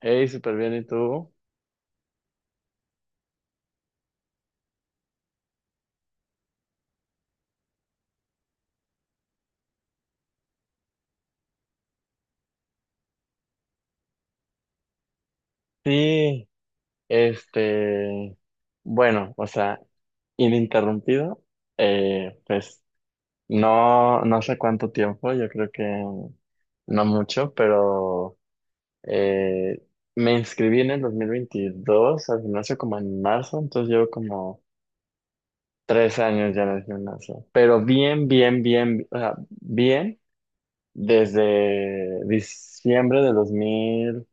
Hey, súper bien, ¿y tú? Sí, este, bueno, o sea, ininterrumpido, pues no, no sé cuánto tiempo, yo creo que no mucho, pero eh, me inscribí en el 2022 al gimnasio como en marzo, entonces llevo como 3 años ya en el gimnasio, pero bien, bien, bien, o sea, bien desde diciembre de dos mil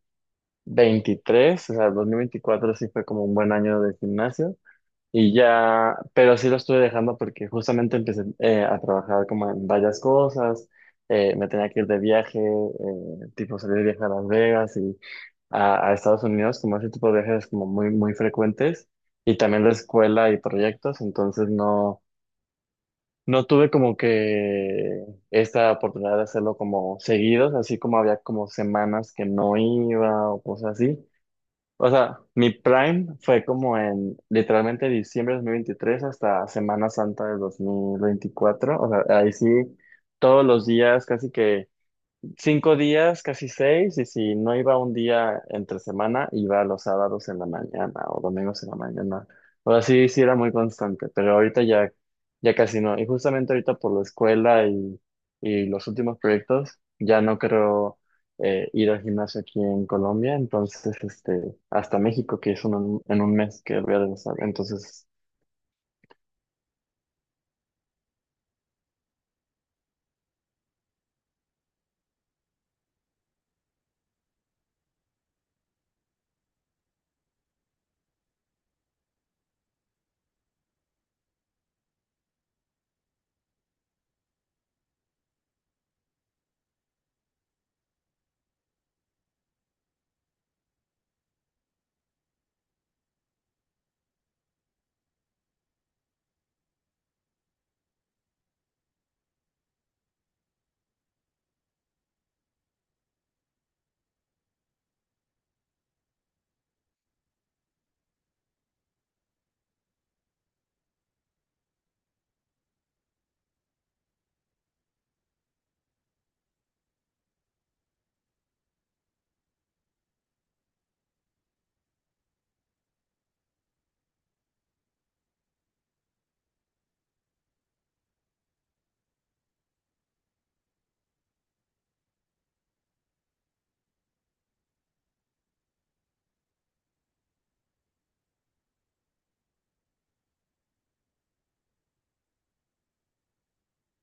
veintitrés o sea, 2024 sí fue como un buen año de gimnasio. Y ya, pero sí lo estuve dejando porque justamente empecé a trabajar como en varias cosas, me tenía que ir de viaje, tipo salir de viaje a Las Vegas y a Estados Unidos, como ese tipo de viajes como muy, muy frecuentes, y también la escuela y proyectos. Entonces no, no tuve como que esta oportunidad de hacerlo como seguidos, así como había como semanas que no iba o cosas así. O sea, mi prime fue como en literalmente diciembre de 2023 hasta Semana Santa de 2024. O sea, ahí sí, todos los días casi que 5 días, casi 6, y si no iba un día entre semana, iba los sábados en la mañana o domingos en la mañana. Ahora sí, sí era muy constante, pero ahorita ya, ya casi no. Y justamente ahorita por la escuela y los últimos proyectos, ya no creo ir al gimnasio aquí en Colombia, entonces hasta México, que es en un mes que voy a regresar. Entonces,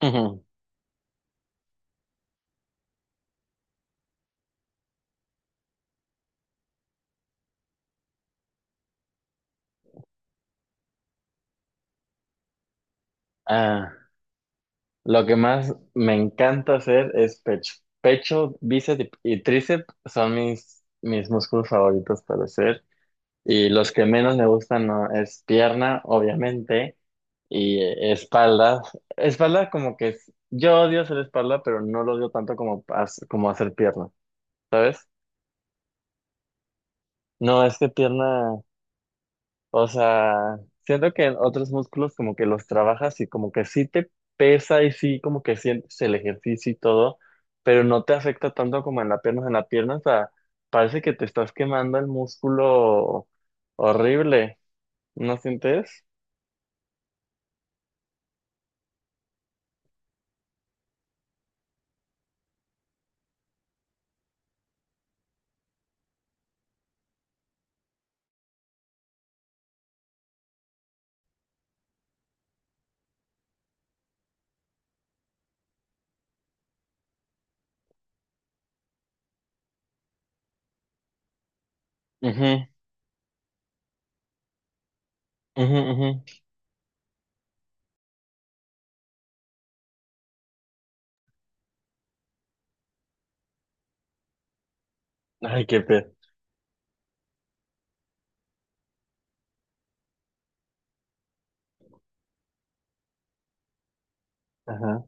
ujú. Ah, lo que más me encanta hacer es pecho. Pecho, bíceps y tríceps son mis músculos favoritos para hacer. Y los que menos me gustan, no, es pierna, obviamente, y espalda. Espalda como que yo odio hacer espalda, pero no lo odio tanto como, como hacer pierna, ¿sabes? No, es que pierna, o sea, siento que en otros músculos como que los trabajas y como que sí te pesa y sí como que sientes el ejercicio y todo, pero no te afecta tanto como en la pierna. En la pierna, o sea, parece que te estás quemando el músculo horrible. ¿No sientes? Ujú, ujú, ujú. Ay, qué pena. Ajá,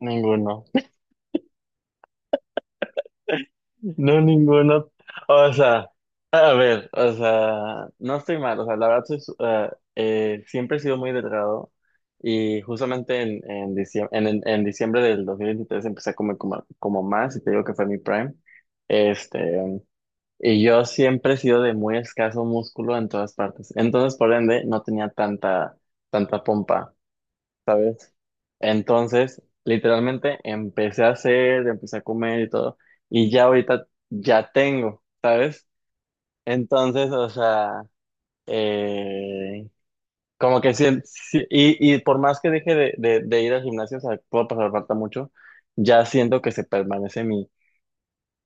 ninguno. No, ninguno. O sea, a ver, o sea, no estoy mal. O sea, la verdad, soy siempre he sido muy delgado. Y justamente en diciembre del 2023 empecé a comer como más. Y te digo que fue mi prime. Este, y yo siempre he sido de muy escaso músculo en todas partes. Entonces, por ende, no tenía tanta pompa. ¿Sabes? Entonces, literalmente empecé a comer y todo, y ya ahorita ya tengo, ¿sabes? Entonces, o sea, eh, como que sí, y por más que deje de ir al gimnasio, o sea, puedo pasar falta mucho, ya siento que se permanece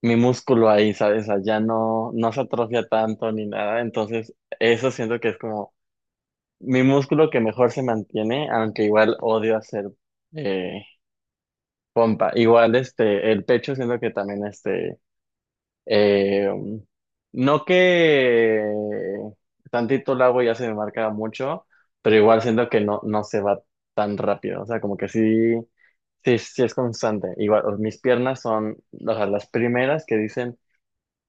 mi músculo ahí, ¿sabes? O sea, ya no, no se atrofia tanto ni nada. Entonces eso siento que es como mi músculo que mejor se mantiene, aunque igual odio hacer. eh, Pompa, igual el pecho siento que también eh, no que tantito el agua ya se me marca mucho, pero igual siento que no, no se va tan rápido, o sea, como que sí, sí, sí es constante. Igual, mis piernas son, o sea, las primeras que dicen,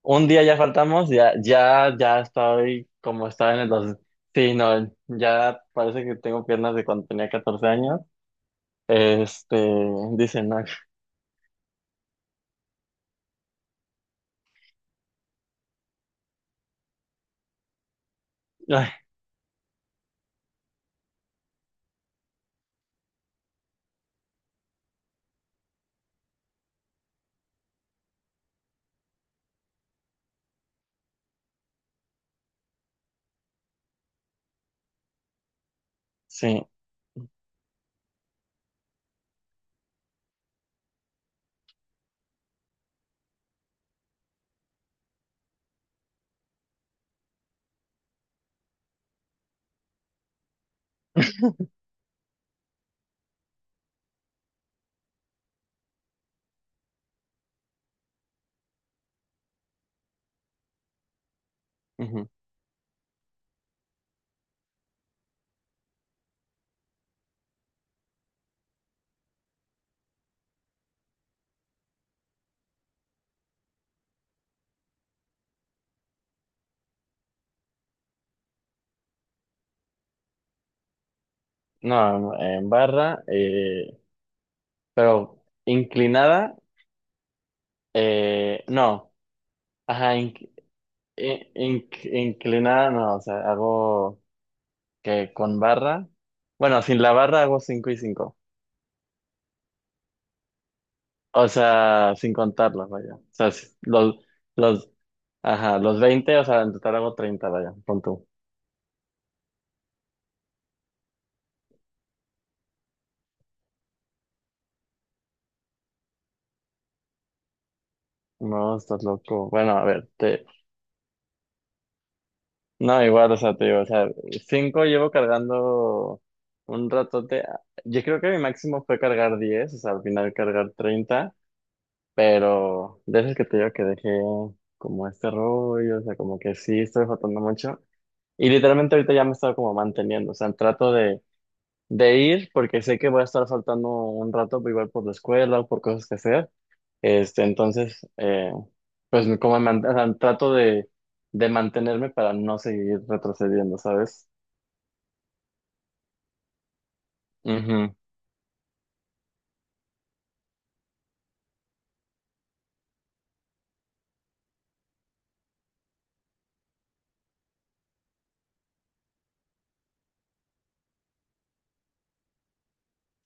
un día ya faltamos, ya, ya, ya estoy como estaba en el dos, sí, no, ya parece que tengo piernas de cuando tenía 14 años. este, dicen, no, ay, sí. No, no, en barra, pero inclinada, no, ajá, inclinada, no, o sea, hago que con barra, bueno, sin la barra hago 5 y cinco, o sea, sin contarlas, vaya, o sea, los, ajá, los 20, o sea, en total hago 30, vaya, pon tú. No, estás loco. Bueno, a ver, no, igual, o sea, te digo, o sea, 5 llevo cargando un ratote. Yo creo que mi máximo fue cargar 10, o sea, al final cargar 30, pero de esas que te digo que dejé como este rollo, o sea, como que sí estoy faltando mucho. Y literalmente ahorita ya me he estado como manteniendo, o sea, trato de ir, porque sé que voy a estar faltando un rato, pues, igual por la escuela o por cosas que hacer. Entonces, pues como o sea, trato de mantenerme para no seguir retrocediendo, ¿sabes? Ujú.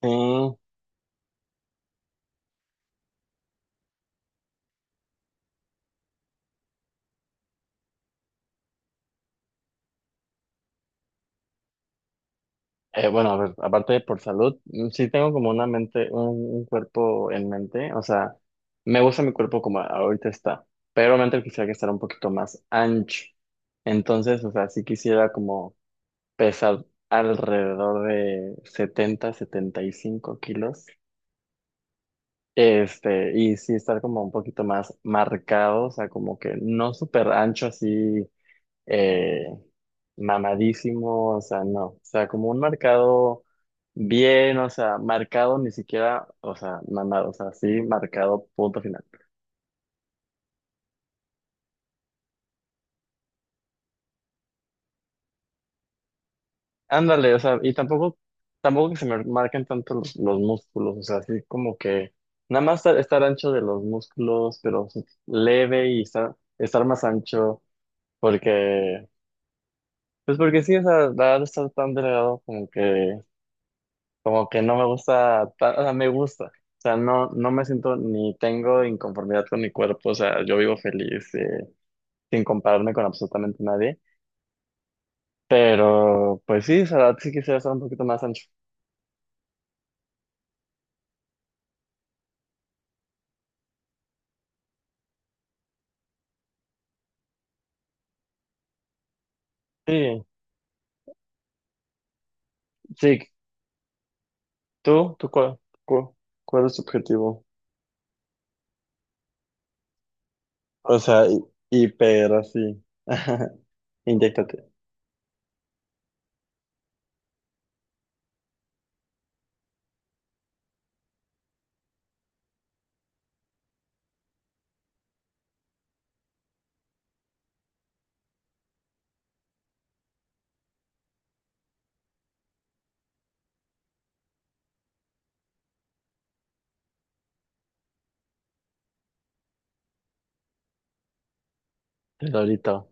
Sí. Bueno, a ver, aparte de por salud, sí tengo como una mente, un cuerpo en mente, o sea, me gusta mi cuerpo como ahorita está, pero realmente quisiera que estar un poquito más ancho. Entonces, o sea, sí quisiera como pesa alrededor de 70, 75 kilos. Y sí estar como un poquito más marcado, o sea, como que no súper ancho así, eh, mamadísimo, o sea, no, o sea, como un marcado bien, o sea, marcado ni siquiera, o sea, mamado, o sea, sí, marcado punto final. Ándale, o sea, y tampoco que se me marquen tanto los músculos, o sea, así como que nada más estar ancho de los músculos, pero sí leve y estar más ancho, porque, pues porque sí, o sea, la verdad estar tan delgado como que no me gusta, o sea, me gusta, o sea, no, no me siento ni tengo inconformidad con mi cuerpo, o sea, yo vivo feliz, sin compararme con absolutamente nadie, pero pues sí, o sea, la verdad sí quisiera estar un poquito más ancho. Sí, sí, ¿Tú cuál cuál, es tu objetivo? O sea, hiper así. Inyéctate. Pero ahorita.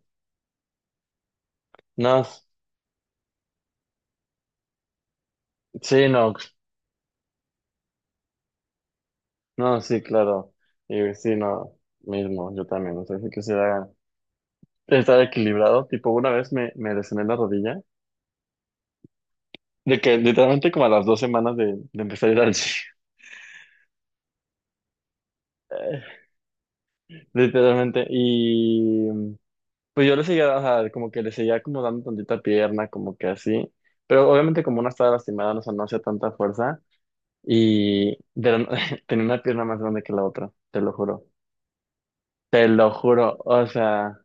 No, sí, no, no, sí, claro. Y sí, no, mismo, yo también. O sea, sí quisiera estar equilibrado. Tipo, una vez me lesioné la rodilla. De que literalmente como a las 2 semanas de empezar a ir al gym. Eh, literalmente. Y pues yo le seguía, o sea, como que le seguía como dando tantita pierna, como que así. Pero obviamente como una estaba lastimada, no, o sea, no hacía tanta fuerza. Y tenía una pierna más grande que la otra, te lo juro. Te lo juro, o sea,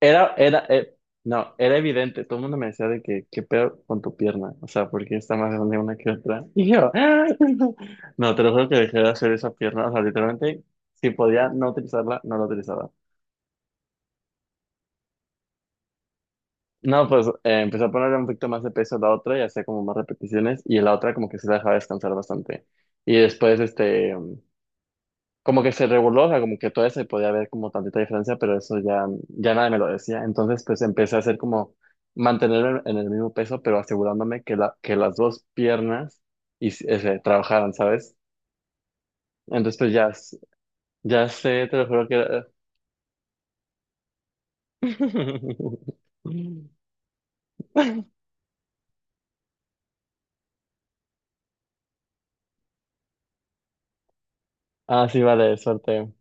era, era, eh, no, era evidente. Todo el mundo me decía de que, qué pedo con tu pierna, o sea, porque está más grande una que otra. Y yo, ¡ah! no, te lo juro que dejé de hacer esa pierna, o sea, literalmente, si podía no utilizarla, no la utilizaba. No, pues empecé a ponerle un poquito más de peso a la otra y hacía como más repeticiones, y la otra como que se la dejaba descansar bastante. Y después, como que se reguló, o sea, como que todavía se podía ver como tantita diferencia, pero eso ya, ya nadie me lo decía. Entonces, pues empecé a hacer como mantenerme en el mismo peso, pero asegurándome que, que las dos piernas y, trabajaran, ¿sabes? Entonces, pues ya, ya sé, te lo juro que... Ah, sí, vale, suerte.